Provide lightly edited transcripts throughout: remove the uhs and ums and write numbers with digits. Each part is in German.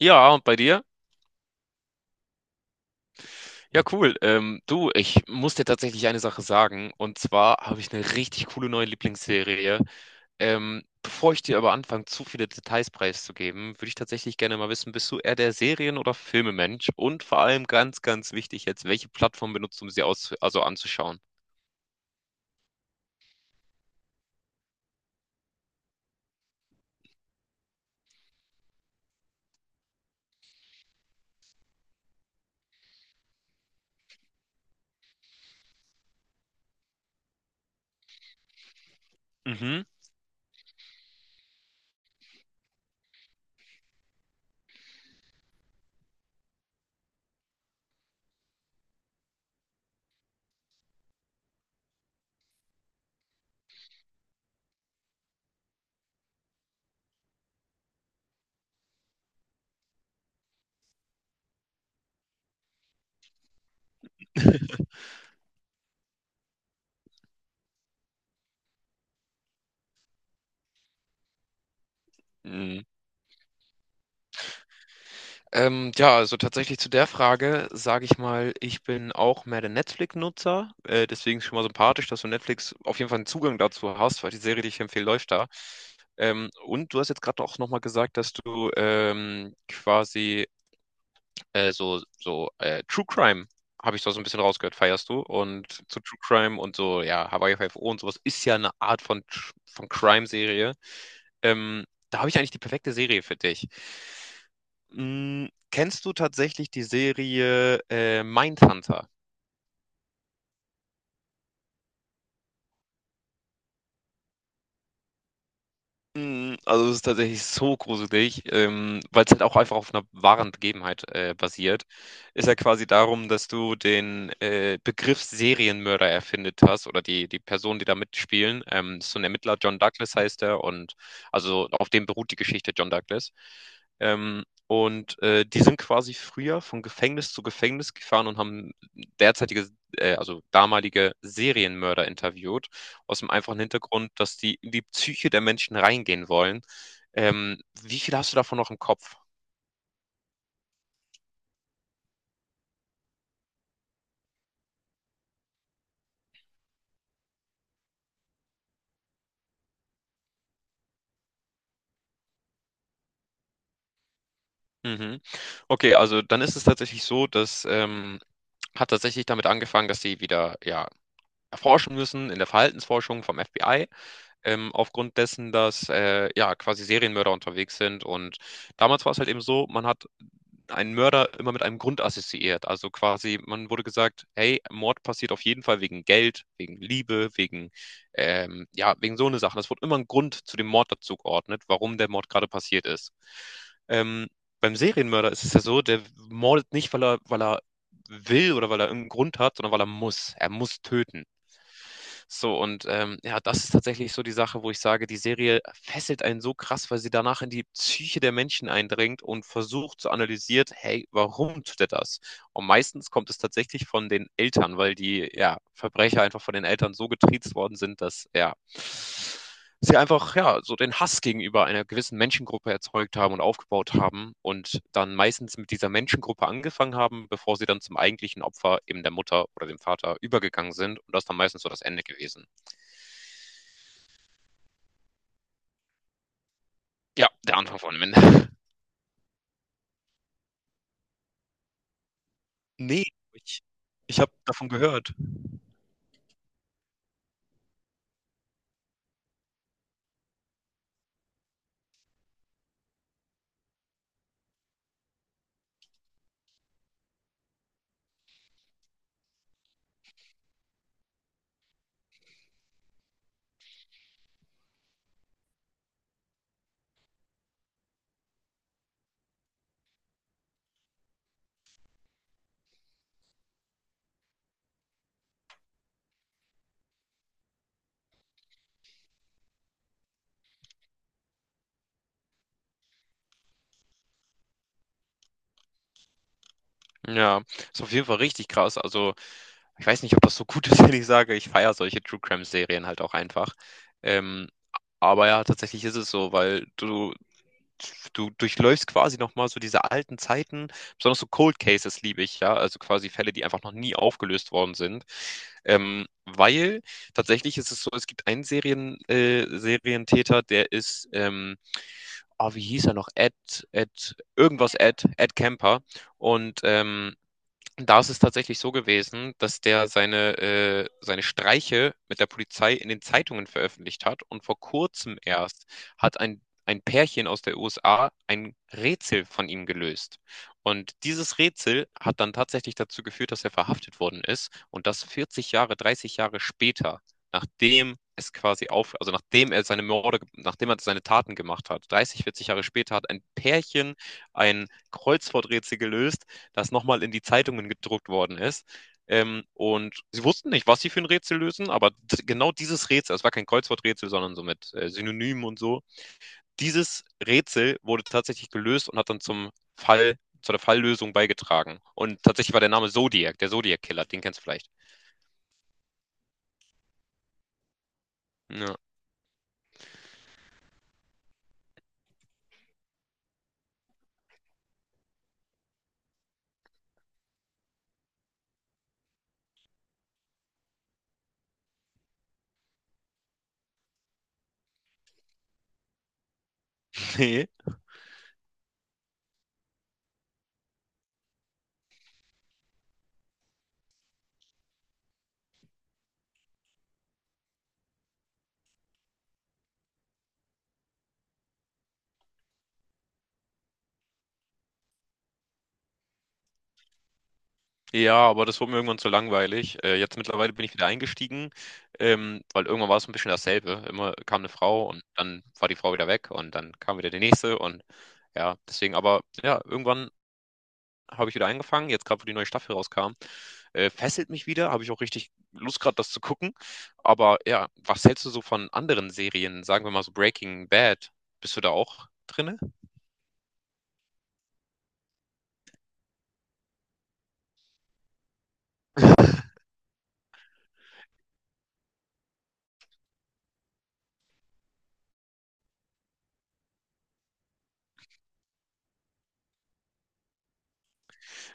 Ja, und bei dir? Ja, cool. Du, ich muss dir tatsächlich eine Sache sagen. Und zwar habe ich eine richtig coole neue Lieblingsserie. Bevor ich dir aber anfange, zu viele Details preiszugeben, würde ich tatsächlich gerne mal wissen, bist du eher der Serien- oder Filmemensch? Und vor allem ganz, ganz wichtig jetzt, welche Plattform benutzt du, um sie aus also anzuschauen? Mhm. Ja, also tatsächlich zu der Frage sage ich mal, ich bin auch mehr der Netflix-Nutzer. Deswegen ist schon mal sympathisch, dass du Netflix auf jeden Fall einen Zugang dazu hast, weil die Serie, die ich empfehle, läuft da. Und du hast jetzt gerade auch nochmal gesagt, dass du quasi so True Crime, habe ich da so ein bisschen rausgehört, feierst du. Und zu True Crime und so, ja, Hawaii Five o und sowas ist ja eine Art von Crime-Serie. Da habe ich eigentlich die perfekte Serie für dich. Kennst du tatsächlich die Serie Mindhunter? Also es ist tatsächlich so gruselig, weil es halt auch einfach auf einer wahren Begebenheit basiert. Ist ja quasi darum, dass du den Begriff Serienmörder erfindet hast oder die Personen, die da mitspielen. Das ist so ein Ermittler, John Douglas heißt er, und also auf dem beruht die Geschichte John Douglas. Und die sind quasi früher von Gefängnis zu Gefängnis gefahren und haben derzeitige, also damalige Serienmörder interviewt aus dem einfachen Hintergrund, dass die in die Psyche der Menschen reingehen wollen. Wie viel hast du davon noch im Kopf? Mhm. Okay, also dann ist es tatsächlich so, dass hat tatsächlich damit angefangen, dass sie wieder ja erforschen müssen in der Verhaltensforschung vom FBI, aufgrund dessen, dass ja quasi Serienmörder unterwegs sind. Und damals war es halt eben so, man hat einen Mörder immer mit einem Grund assoziiert. Also quasi, man wurde gesagt, hey, Mord passiert auf jeden Fall wegen Geld, wegen Liebe, wegen, ja, wegen so eine Sache. Es wurde immer ein Grund zu dem Mord dazu geordnet, warum der Mord gerade passiert ist. Ähm, Beim Serienmörder ist es ja so, der mordet nicht, weil er will oder weil er irgendeinen Grund hat, sondern weil er muss. Er muss töten. So, und ja, das ist tatsächlich so die Sache, wo ich sage, die Serie fesselt einen so krass, weil sie danach in die Psyche der Menschen eindringt und versucht zu analysieren, hey, warum tut er das? Und meistens kommt es tatsächlich von den Eltern, weil die ja, Verbrecher einfach von den Eltern so getriezt worden sind, dass ja, sie einfach ja so den Hass gegenüber einer gewissen Menschengruppe erzeugt haben und aufgebaut haben und dann meistens mit dieser Menschengruppe angefangen haben, bevor sie dann zum eigentlichen Opfer eben der Mutter oder dem Vater übergegangen sind und das ist dann meistens so das Ende gewesen. Ja, der Anfang von dem Ende. Nee, ich, ich habe davon gehört. Ja, ist auf jeden Fall richtig krass. Also ich weiß nicht, ob das so gut ist, wenn ich sage, ich feiere solche True Crime Serien halt auch einfach. Ähm, aber ja, tatsächlich ist es so, weil du durchläufst quasi nochmal so diese alten Zeiten, besonders so Cold Cases liebe ich, ja, also quasi Fälle, die einfach noch nie aufgelöst worden sind. Weil tatsächlich ist es so, es gibt einen Serientäter, der ist, wie hieß er noch? Ed, irgendwas Ed, Ed Kemper. Und da ist es tatsächlich so gewesen, dass der seine Streiche mit der Polizei in den Zeitungen veröffentlicht hat, und vor kurzem erst hat ein Pärchen aus der USA ein Rätsel von ihm gelöst. Und dieses Rätsel hat dann tatsächlich dazu geführt, dass er verhaftet worden ist, und das 40 Jahre, 30 Jahre später, nachdem es quasi auf, also nachdem er seine Morde, nachdem er seine Taten gemacht hat, 30, 40 Jahre später hat ein Pärchen ein Kreuzworträtsel gelöst, das nochmal in die Zeitungen gedruckt worden ist. Und sie wussten nicht, was sie für ein Rätsel lösen, aber genau dieses Rätsel, es war kein Kreuzworträtsel, sondern so mit Synonymen und so, dieses Rätsel wurde tatsächlich gelöst und hat dann zum Fall, zu der Falllösung beigetragen. Und tatsächlich war der Name Zodiac, der Zodiac-Killer, den kennst du vielleicht. Ja. Nee. Ja, aber das wurde mir irgendwann zu langweilig. Jetzt mittlerweile bin ich wieder eingestiegen, weil irgendwann war es ein bisschen dasselbe. Immer kam eine Frau und dann war die Frau wieder weg und dann kam wieder die nächste und ja, deswegen, aber ja, irgendwann habe ich wieder angefangen, jetzt gerade, wo die neue Staffel rauskam. Fesselt mich wieder, habe ich auch richtig Lust gerade, das zu gucken. Aber ja, was hältst du so von anderen Serien? Sagen wir mal so Breaking Bad. Bist du da auch drinne?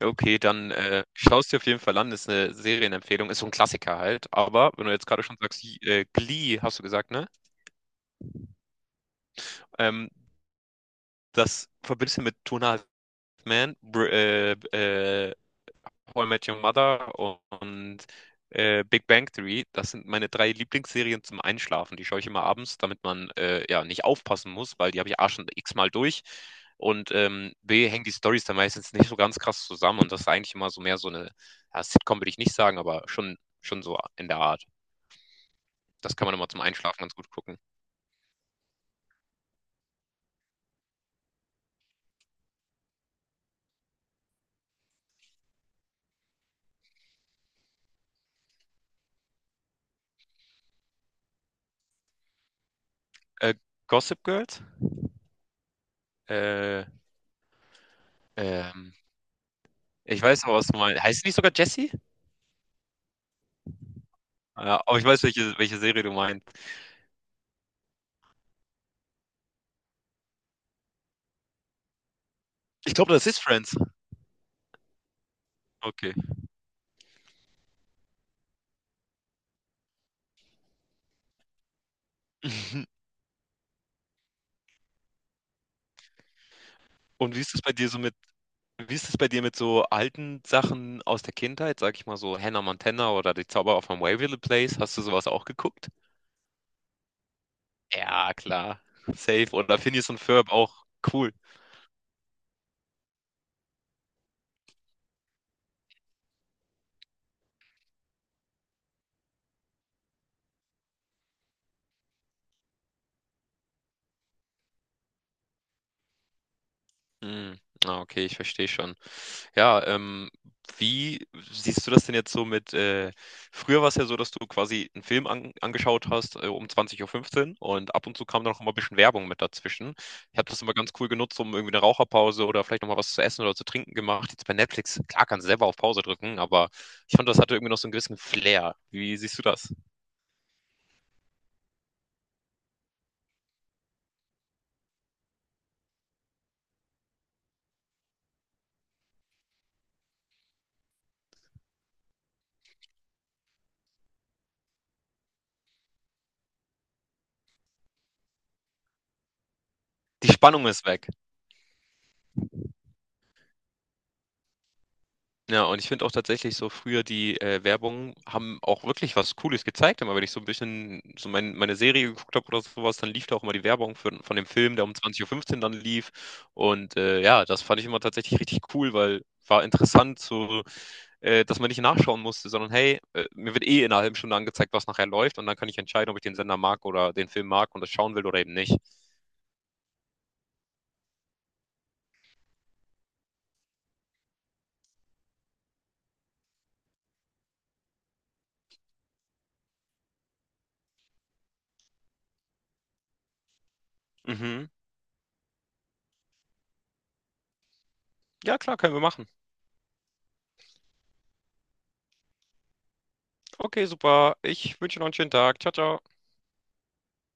Okay, dann schaust dir auf jeden Fall an. Ist eine Serienempfehlung, ist so ein Klassiker halt. Aber wenn du jetzt gerade schon sagst, Glee, hast du gesagt, ne? Ähm, Das verbindest du mit Two and a Half Men, Br How I Met Your Mother und Big Bang Theory. Das sind meine drei Lieblingsserien zum Einschlafen. Die schaue ich immer abends, damit man ja nicht aufpassen muss, weil die habe ich A schon x-mal durch. Und B hängen die Storys dann meistens nicht so ganz krass zusammen. Und das ist eigentlich immer so mehr so eine, ja, Sitcom würde ich nicht sagen, aber schon so in der Art. Das kann man immer zum Einschlafen ganz gut gucken. Äh, Gossip Girls? Äh, ähm, Ich weiß aber, was du meinst. Heißt sie nicht sogar Jessie? Ja, aber ich weiß, welche Serie du meinst. Ich glaube, das ist Friends. Okay. Mhm. Und wie ist es bei dir mit so alten Sachen aus der Kindheit, sage ich mal so Hannah Montana oder Die Zauberer von Waverly Place? Hast du sowas auch geguckt? Ja, klar. Safe. Oder Phineas und Ferb auch cool. Mm, okay, ich verstehe schon. Ja, wie siehst du das denn jetzt so mit, früher war es ja so, dass du quasi einen Film angeschaut hast, um 20:15 Uhr und ab und zu kam dann auch immer ein bisschen Werbung mit dazwischen. Ich habe das immer ganz cool genutzt, um irgendwie eine Raucherpause oder vielleicht nochmal was zu essen oder zu trinken gemacht. Jetzt bei Netflix, klar, kannst du selber auf Pause drücken, aber ich fand, das hatte irgendwie noch so einen gewissen Flair. Wie siehst du das? Die Spannung ist weg. Ja, und ich finde auch tatsächlich so früher die Werbung haben auch wirklich was Cooles gezeigt. Immer wenn ich so ein bisschen so meine Serie geguckt habe oder sowas, dann lief da auch immer die Werbung für, von dem Film, der um 20:15 Uhr fünfzehn dann lief. Und ja, das fand ich immer tatsächlich richtig cool, weil war interessant, so, dass man nicht nachschauen musste, sondern hey, mir wird eh in einer halben Stunde angezeigt, was nachher läuft. Und dann kann ich entscheiden, ob ich den Sender mag oder den Film mag und das schauen will oder eben nicht. Mhm. Ja, klar, können wir machen. Okay, super. Ich wünsche noch einen schönen Tag. Ciao, ciao.